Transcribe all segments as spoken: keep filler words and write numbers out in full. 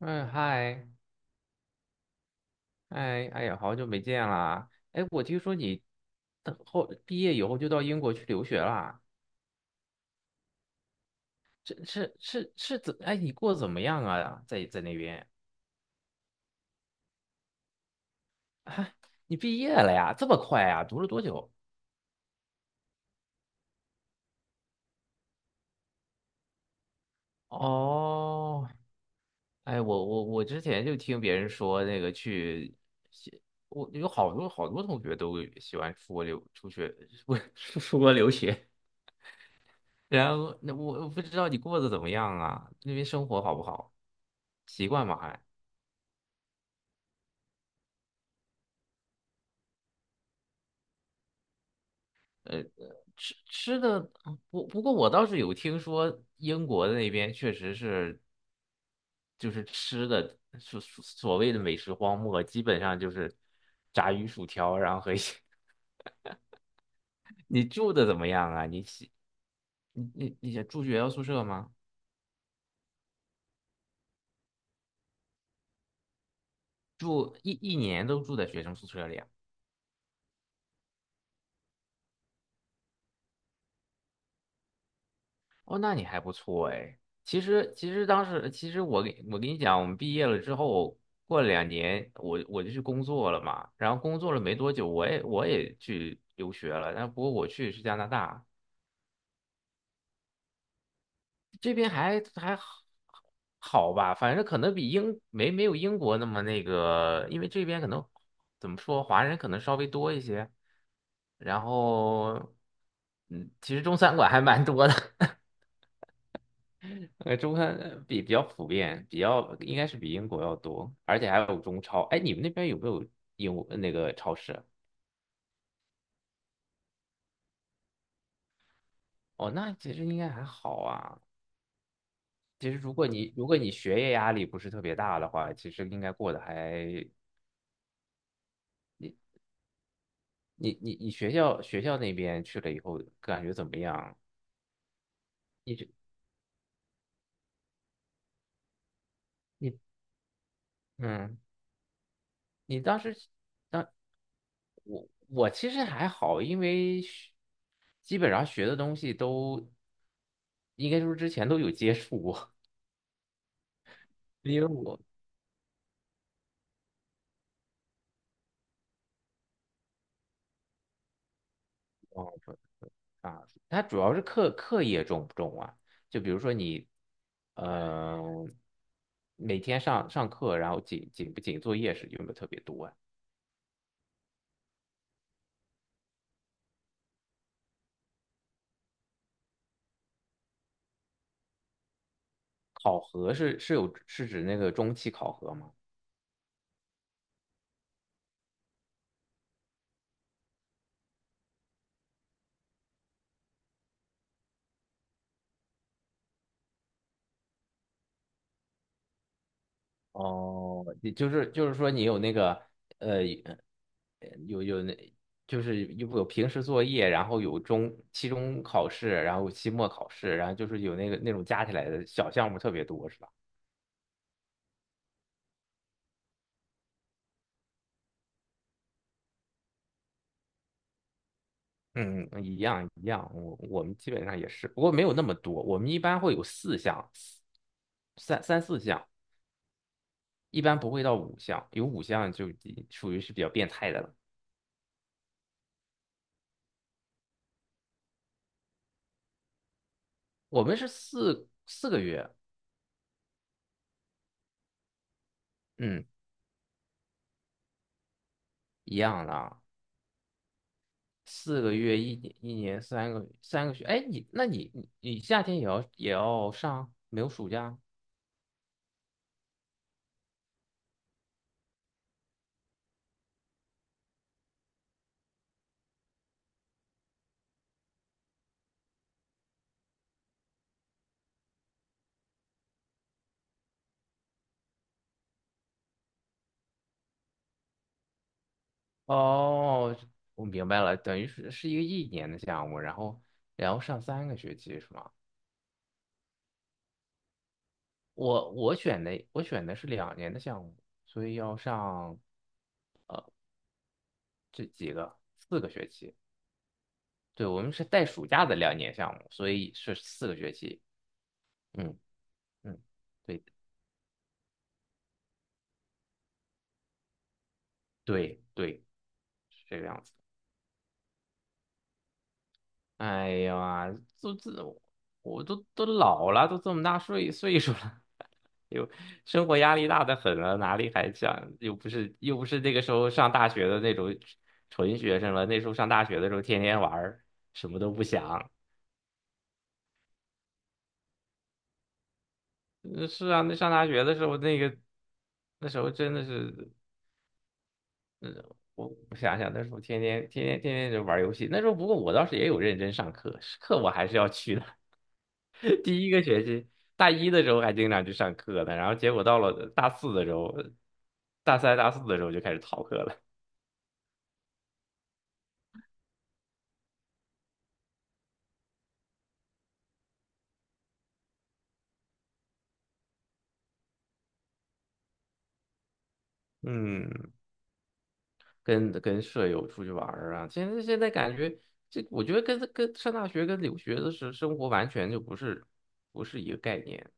嗯，嗨，哎，哎呀，好久没见啦！哎，我听说你等后毕业以后就到英国去留学啦？这是是是怎？哎，你过得怎么样啊？在在那边，你毕业了呀？这么快啊？读了多久？哦，哎，我我我之前就听别人说那个去西，我有好多好多同学都喜欢出国留出去，不是出国留学，然后那我我不知道你过得怎么样啊，那边生活好不好，习惯吗还？呃，吃吃的，不不过我倒是有听说英国的那边确实是，就是吃的所所所谓的美食荒漠，基本上就是炸鱼薯条，然后和一些。你住的怎么样啊？你喜你你你想住学校宿舍吗？住一一年都住在学生宿舍里啊？哦，那你还不错哎。其实，其实当时，其实我跟我跟你讲，我们毕业了之后，过了两年，我我就去工作了嘛。然后工作了没多久，我也我也去留学了。但不过我去的是加拿大，这边还还好好吧，反正可能比英没没有英国那么那个，因为这边可能怎么说，华人可能稍微多一些。然后，嗯，其实中餐馆还蛮多的。呃，中餐呃比比较普遍，比较应该是比英国要多，而且还有中超。哎，你们那边有没有英那个超市？哦，那其实应该还好啊。其实如果你如果你学业压力不是特别大的话，其实应该过得还你你你学校学校那边去了以后感觉怎么样？你这你嗯，你当时当我我其实还好，因为学基本上学的东西都应该说之前都有接触过，因为我。哦，啊，它主要是课课业重不重啊？就比如说你，呃，每天上上课，然后紧紧不紧作业是有没有特别多啊？考核是是有是指那个中期考核吗？哦，你就是就是说你有那个呃有有那就是有有平时作业，然后有中期中考试，然后期末考试，然后就是有那个那种加起来的小项目特别多是吧？嗯，一样一样，我我们基本上也是，不过没有那么多，我们一般会有四项，三三四项，一般不会到五项，有五项就已属于是比较变态的了。我们是四四个月，嗯，一样的啊，四个月一年一年三个三个学，哎，你那你你你夏天也要也要上，没有暑假？哦，我明白了，等于是是一个一年的项目，然后然后上三个学期是吗？我我选的我选的是两年的项目，所以要上这几四个学期。对，我们是带暑假的两年项目，所以是四个学期。嗯嗯，对对对，是这个样子。哎呀，都这我都都老了，都这么大岁岁数了，又生活压力大的很了，哪里还想又不是又不是那个时候上大学的那种纯学生了，那时候上大学的时候天天玩儿，什么都不想。嗯，是啊，那上大学的时候，那个那时候真的是，我我想想，那时候天天天天天天就玩游戏。那时候不过我倒是也有认真上课，是课我还是要去的。第一个学期，大一的时候还经常去上课呢，然后结果到了大四的时候，大三大四的时候就开始逃课了。嗯，跟跟舍友出去玩儿啊，现在现在感觉这，我觉得跟跟上大学跟留学的时生活完全就不是不是一个概念。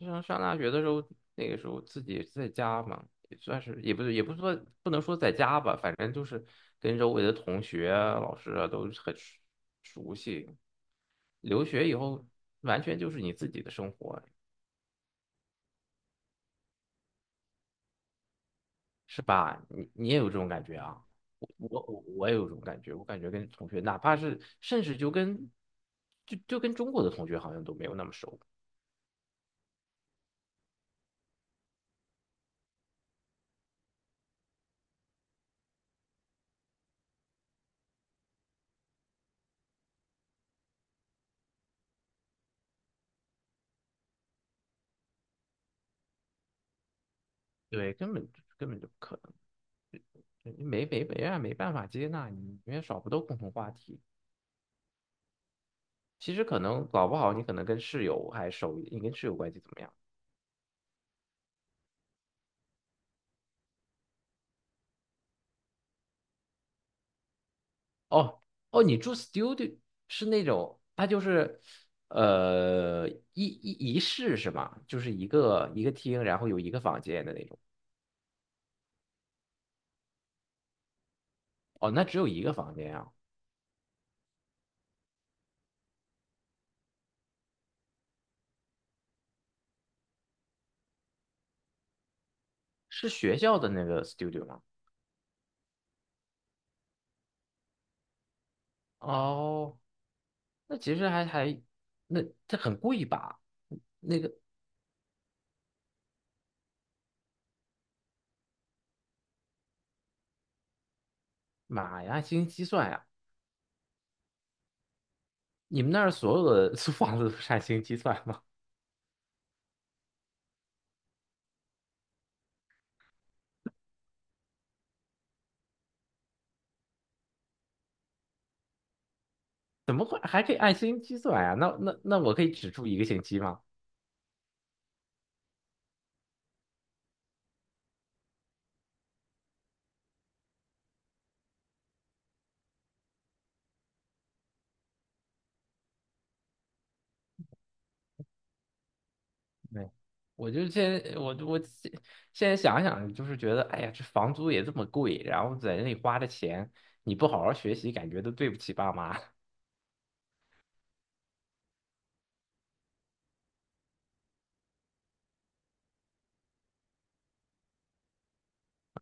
上上大学的时候，那个时候自己在家嘛，也算是也不是也不是说不能说在家吧，反正就是跟周围的同学啊老师啊都是很熟熟悉。留学以后，完全就是你自己的生活，是吧？你你也有这种感觉啊？我我我也有这种感觉，我感觉跟同学，哪怕是甚至就跟就就跟中国的同学好像都没有那么熟，对，根本根本就不可能，没没没啊，没办法接纳你，因为少不到共同话题。其实可能搞不好你可能跟室友还熟一点，你跟室友关系怎么样？哦哦，你住 studio 是那种，它就是呃一一一室是吗？就是一个一个厅，然后有一个房间的那种。哦，那只有一个房间啊？是学校的那个 studio 吗？哦，那其实还还那这很贵吧？妈呀，按星期算呀、你们那儿所有的 租房子都是按星期算吗？怎么会还可以按星期算呀、那那那我可以只住一个星期吗？对，我就现在我我现现在想想，就是觉得，哎呀，这房租也这么贵，然后在那里花的钱，你不好好学习，感觉都对不起爸妈。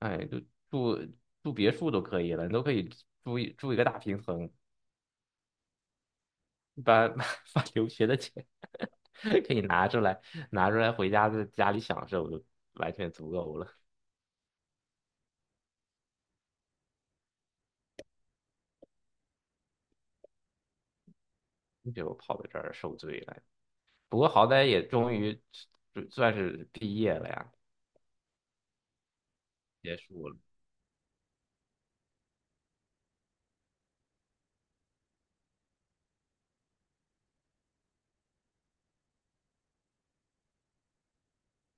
哎，就住住别墅都可以了，你都可以住一住一个大平层，把 把留学的钱 可以拿出来，拿出来回家在家里享受，就完全足够了。你就跑到这儿受罪了，不过好歹也终于就算是毕业了呀，结束了。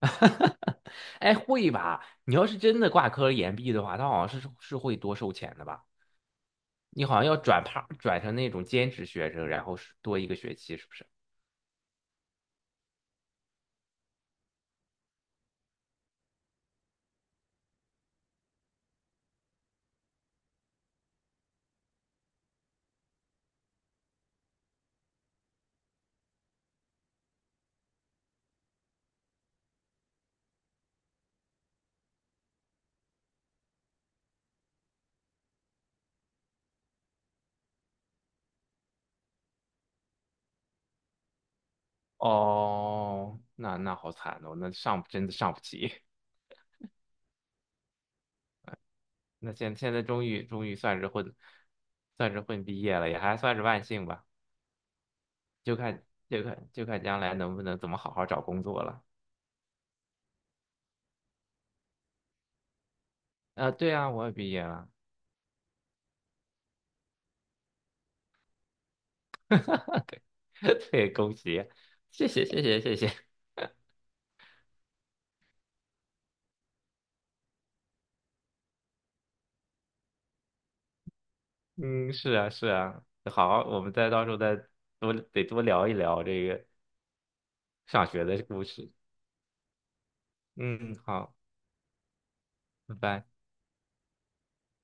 哎，会吧？你要是真的挂科延毕的话，他好像是是会多收钱的吧？你好像要转趴转成那种兼职学生，然后是多一个学期，是不是？哦，那那好惨哦，那上真的上不起。那现现在终于终于算是混，算是混毕业了，也还算是万幸吧。就看就看就看将来能不能怎么好好找工作了。啊、对啊，我也毕业了。对，恭喜，谢谢谢谢谢谢。嗯，是啊，是啊，好，我们再到时候再多得多聊一聊这个上学的故事。嗯，好，拜拜。